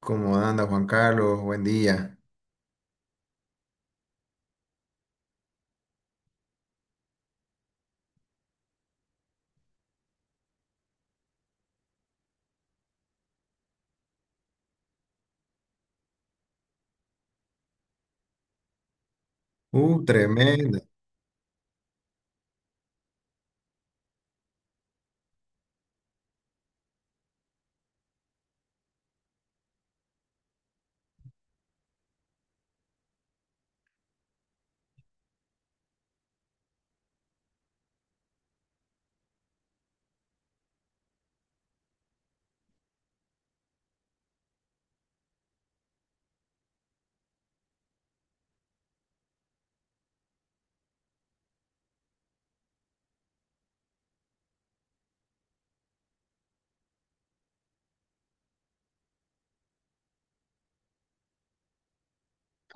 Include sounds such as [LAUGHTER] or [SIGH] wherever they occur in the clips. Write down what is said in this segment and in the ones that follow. ¿Cómo anda Juan Carlos? Buen día. Tremenda.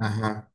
Ajá.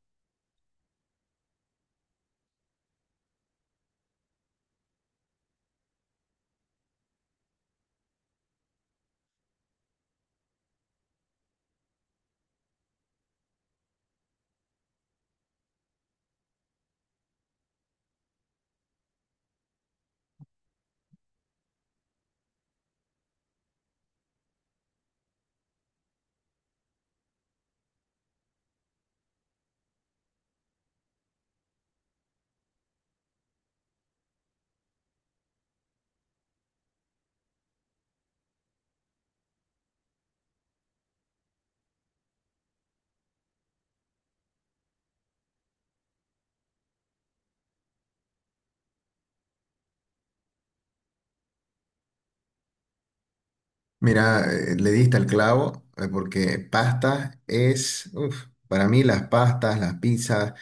Mira, le diste al clavo, porque pastas es, uf, para mí las pastas, las pizzas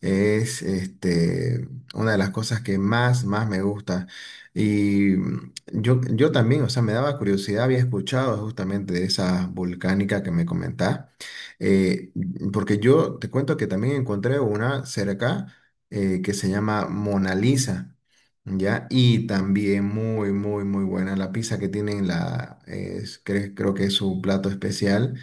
es este, una de las cosas que más me gusta. Y yo también, o sea, me daba curiosidad, había escuchado justamente de esa volcánica que me comentás, eh, porque yo te cuento que también encontré una cerca, que se llama Mona Lisa. ¿Ya? Y también muy, muy, muy buena la pizza que tienen, creo que es su plato especial.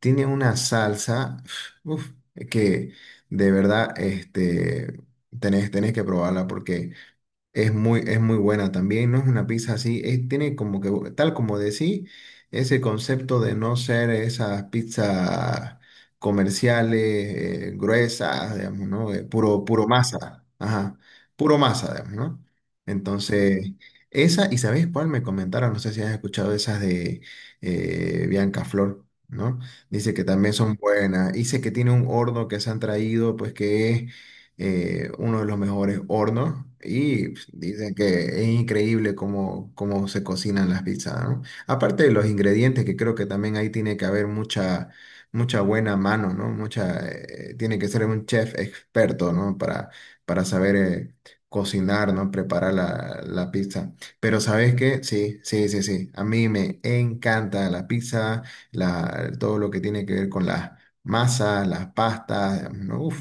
Tiene una salsa, uf, que de verdad este, tenés que probarla porque es muy buena también, no es una pizza así, tiene como que, tal como decí, ese concepto de no ser esas pizzas comerciales, gruesas, digamos, ¿no? Puro masa, ajá, puro masa, digamos, ¿no? Entonces, ¿y sabes cuál me comentaron? No sé si has escuchado esas de, Bianca Flor, ¿no? Dice que también son buenas, dice que tiene un horno que se han traído, pues que es, uno de los mejores hornos y pues, dicen que es increíble cómo se cocinan las pizzas, ¿no? Aparte de los ingredientes, que creo que también ahí tiene que haber mucha, mucha buena mano, ¿no? Mucha, tiene que ser un chef experto, ¿no? Para saber, cocinar, ¿no? Preparar la pizza. Pero, ¿sabes qué? Sí, sí, sí, sí. A mí me encanta la pizza, todo lo que tiene que ver con las masas, las pastas, ¿no? Uf.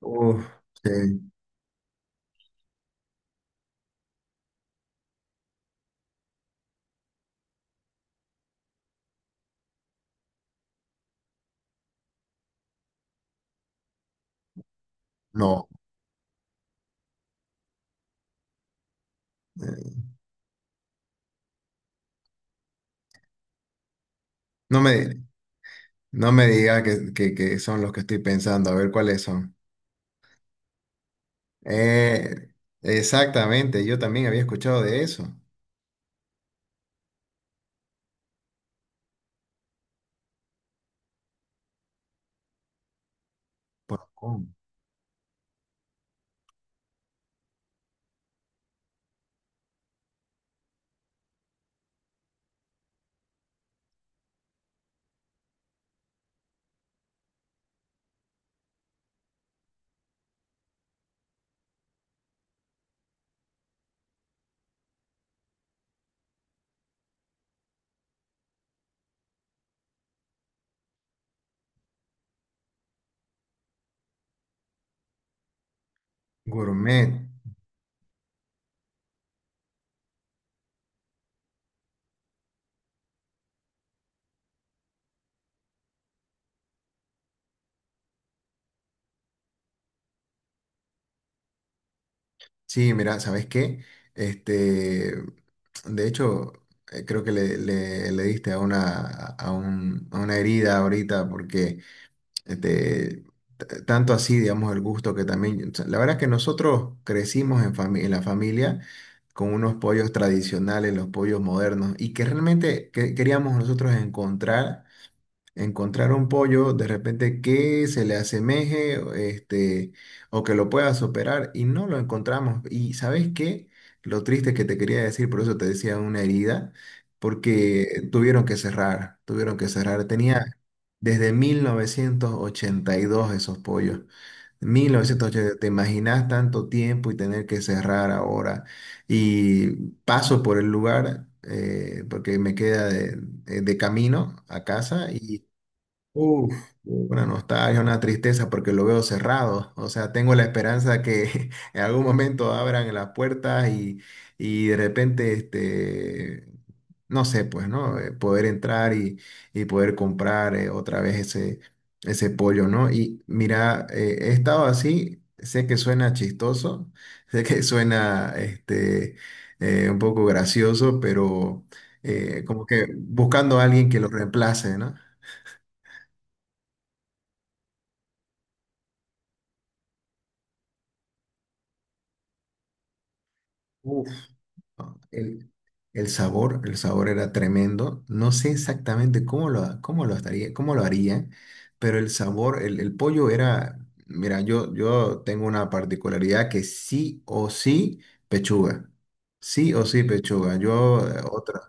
Uf, sí, no, eh, no me, no me diga que son los que estoy pensando, a ver cuáles son. Eh, Exactamente, yo también había escuchado de eso. Por con Gourmet. Sí, mira, ¿sabes qué? Este, de hecho, creo que le diste a a una herida ahorita porque este, tanto así, digamos, el gusto que también, o sea, la verdad es que nosotros crecimos en la familia con unos pollos tradicionales, los pollos modernos, y que realmente queríamos nosotros encontrar un pollo de repente que se le asemeje, este, o que lo pueda superar y no lo encontramos. ¿Y sabes qué? Lo triste que te quería decir, por eso te decía una herida, porque tuvieron que cerrar, tuvieron que cerrar. Mm. Tenía desde 1982 esos pollos. 1980, ¿te imaginas tanto tiempo y tener que cerrar ahora? Y paso por el lugar, porque me queda de camino a casa y. Uf, una nostalgia, una tristeza porque lo veo cerrado. O sea, tengo la esperanza que [LAUGHS] en algún momento abran las puertas y, de repente, este, no sé, pues, ¿no? Poder entrar y poder comprar, otra vez ese pollo, ¿no? Y mira, he estado así, sé que suena chistoso, [LAUGHS] sé que suena este, un poco gracioso, pero como que buscando a alguien que lo reemplace, ¿no? Uf. Ah. El sabor era tremendo. No sé exactamente cómo lo estaría, cómo lo haría, pero el sabor, el pollo era. Mira, yo tengo una particularidad que sí o sí pechuga. Sí o sí pechuga. Yo, otra.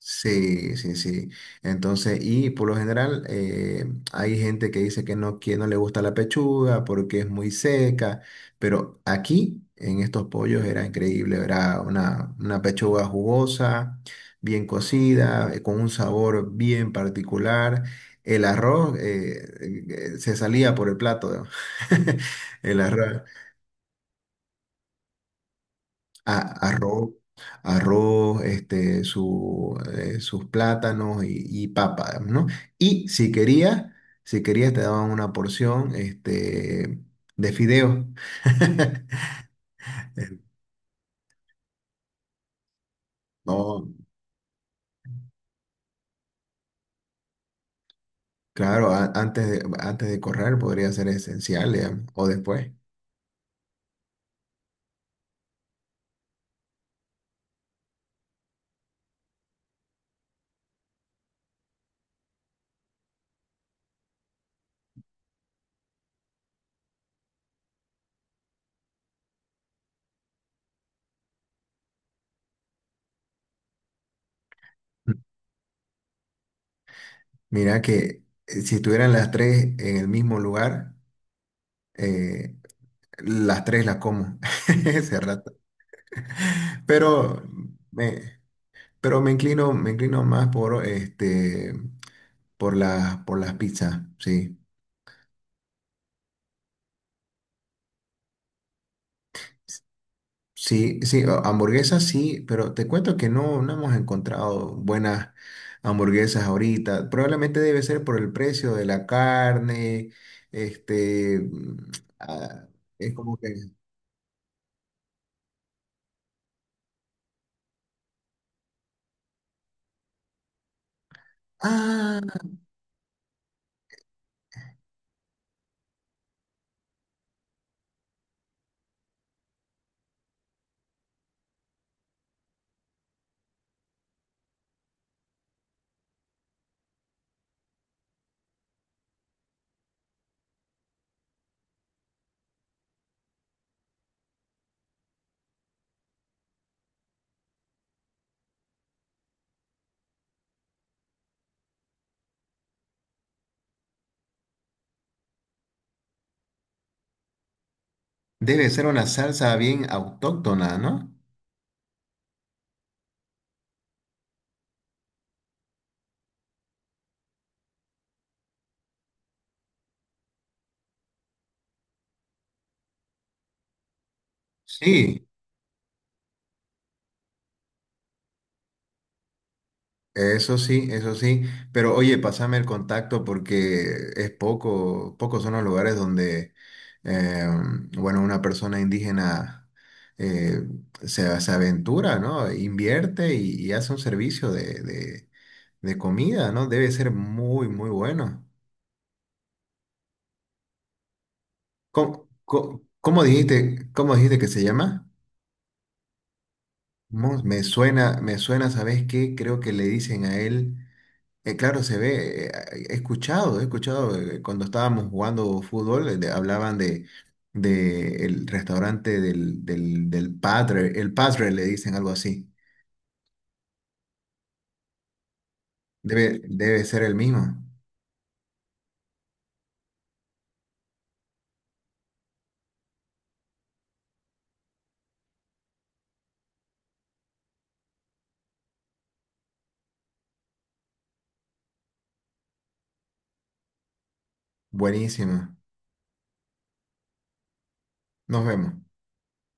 Sí, sí, sí. Entonces, y por lo general, hay gente que dice que no le gusta la pechuga porque es muy seca, pero aquí en estos pollos era increíble, era una pechuga jugosa, bien cocida, con un sabor bien particular. El arroz, se salía por el plato, ¿no? [LAUGHS] El arroz, a- arroz, este, sus plátanos y papa, ¿no? Y si querías te daban una porción, este, de fideos. [LAUGHS] No, claro, antes de correr podría ser esencial, digamos, o después. Mira que, si estuvieran las tres en el mismo lugar, eh, las tres las como [LAUGHS] ese rato. Pero, me- Pero me inclino más por este, por las pizzas, sí. Sí, sí, hamburguesas sí, pero te cuento que no hemos encontrado buenas hamburguesas ahorita. Probablemente debe ser por el precio de la carne, este, ah, es como que, ah, debe ser una salsa bien autóctona, ¿no? Sí. Eso sí, eso sí. Pero oye, pásame el contacto porque es poco, pocos son los lugares donde, eh, bueno, una persona indígena, eh, se aventura, ¿no? Invierte y hace un servicio de comida, ¿no? Debe ser muy, muy bueno. ¿Cómo dijiste que se llama? Me suena, ¿sabes qué? Creo que le dicen a él. Claro, se ve, he escuchado, cuando estábamos jugando fútbol, hablaban de el restaurante del padre, el padre le dicen algo así. Debe ser el mismo. Buenísimo. Nos vemos.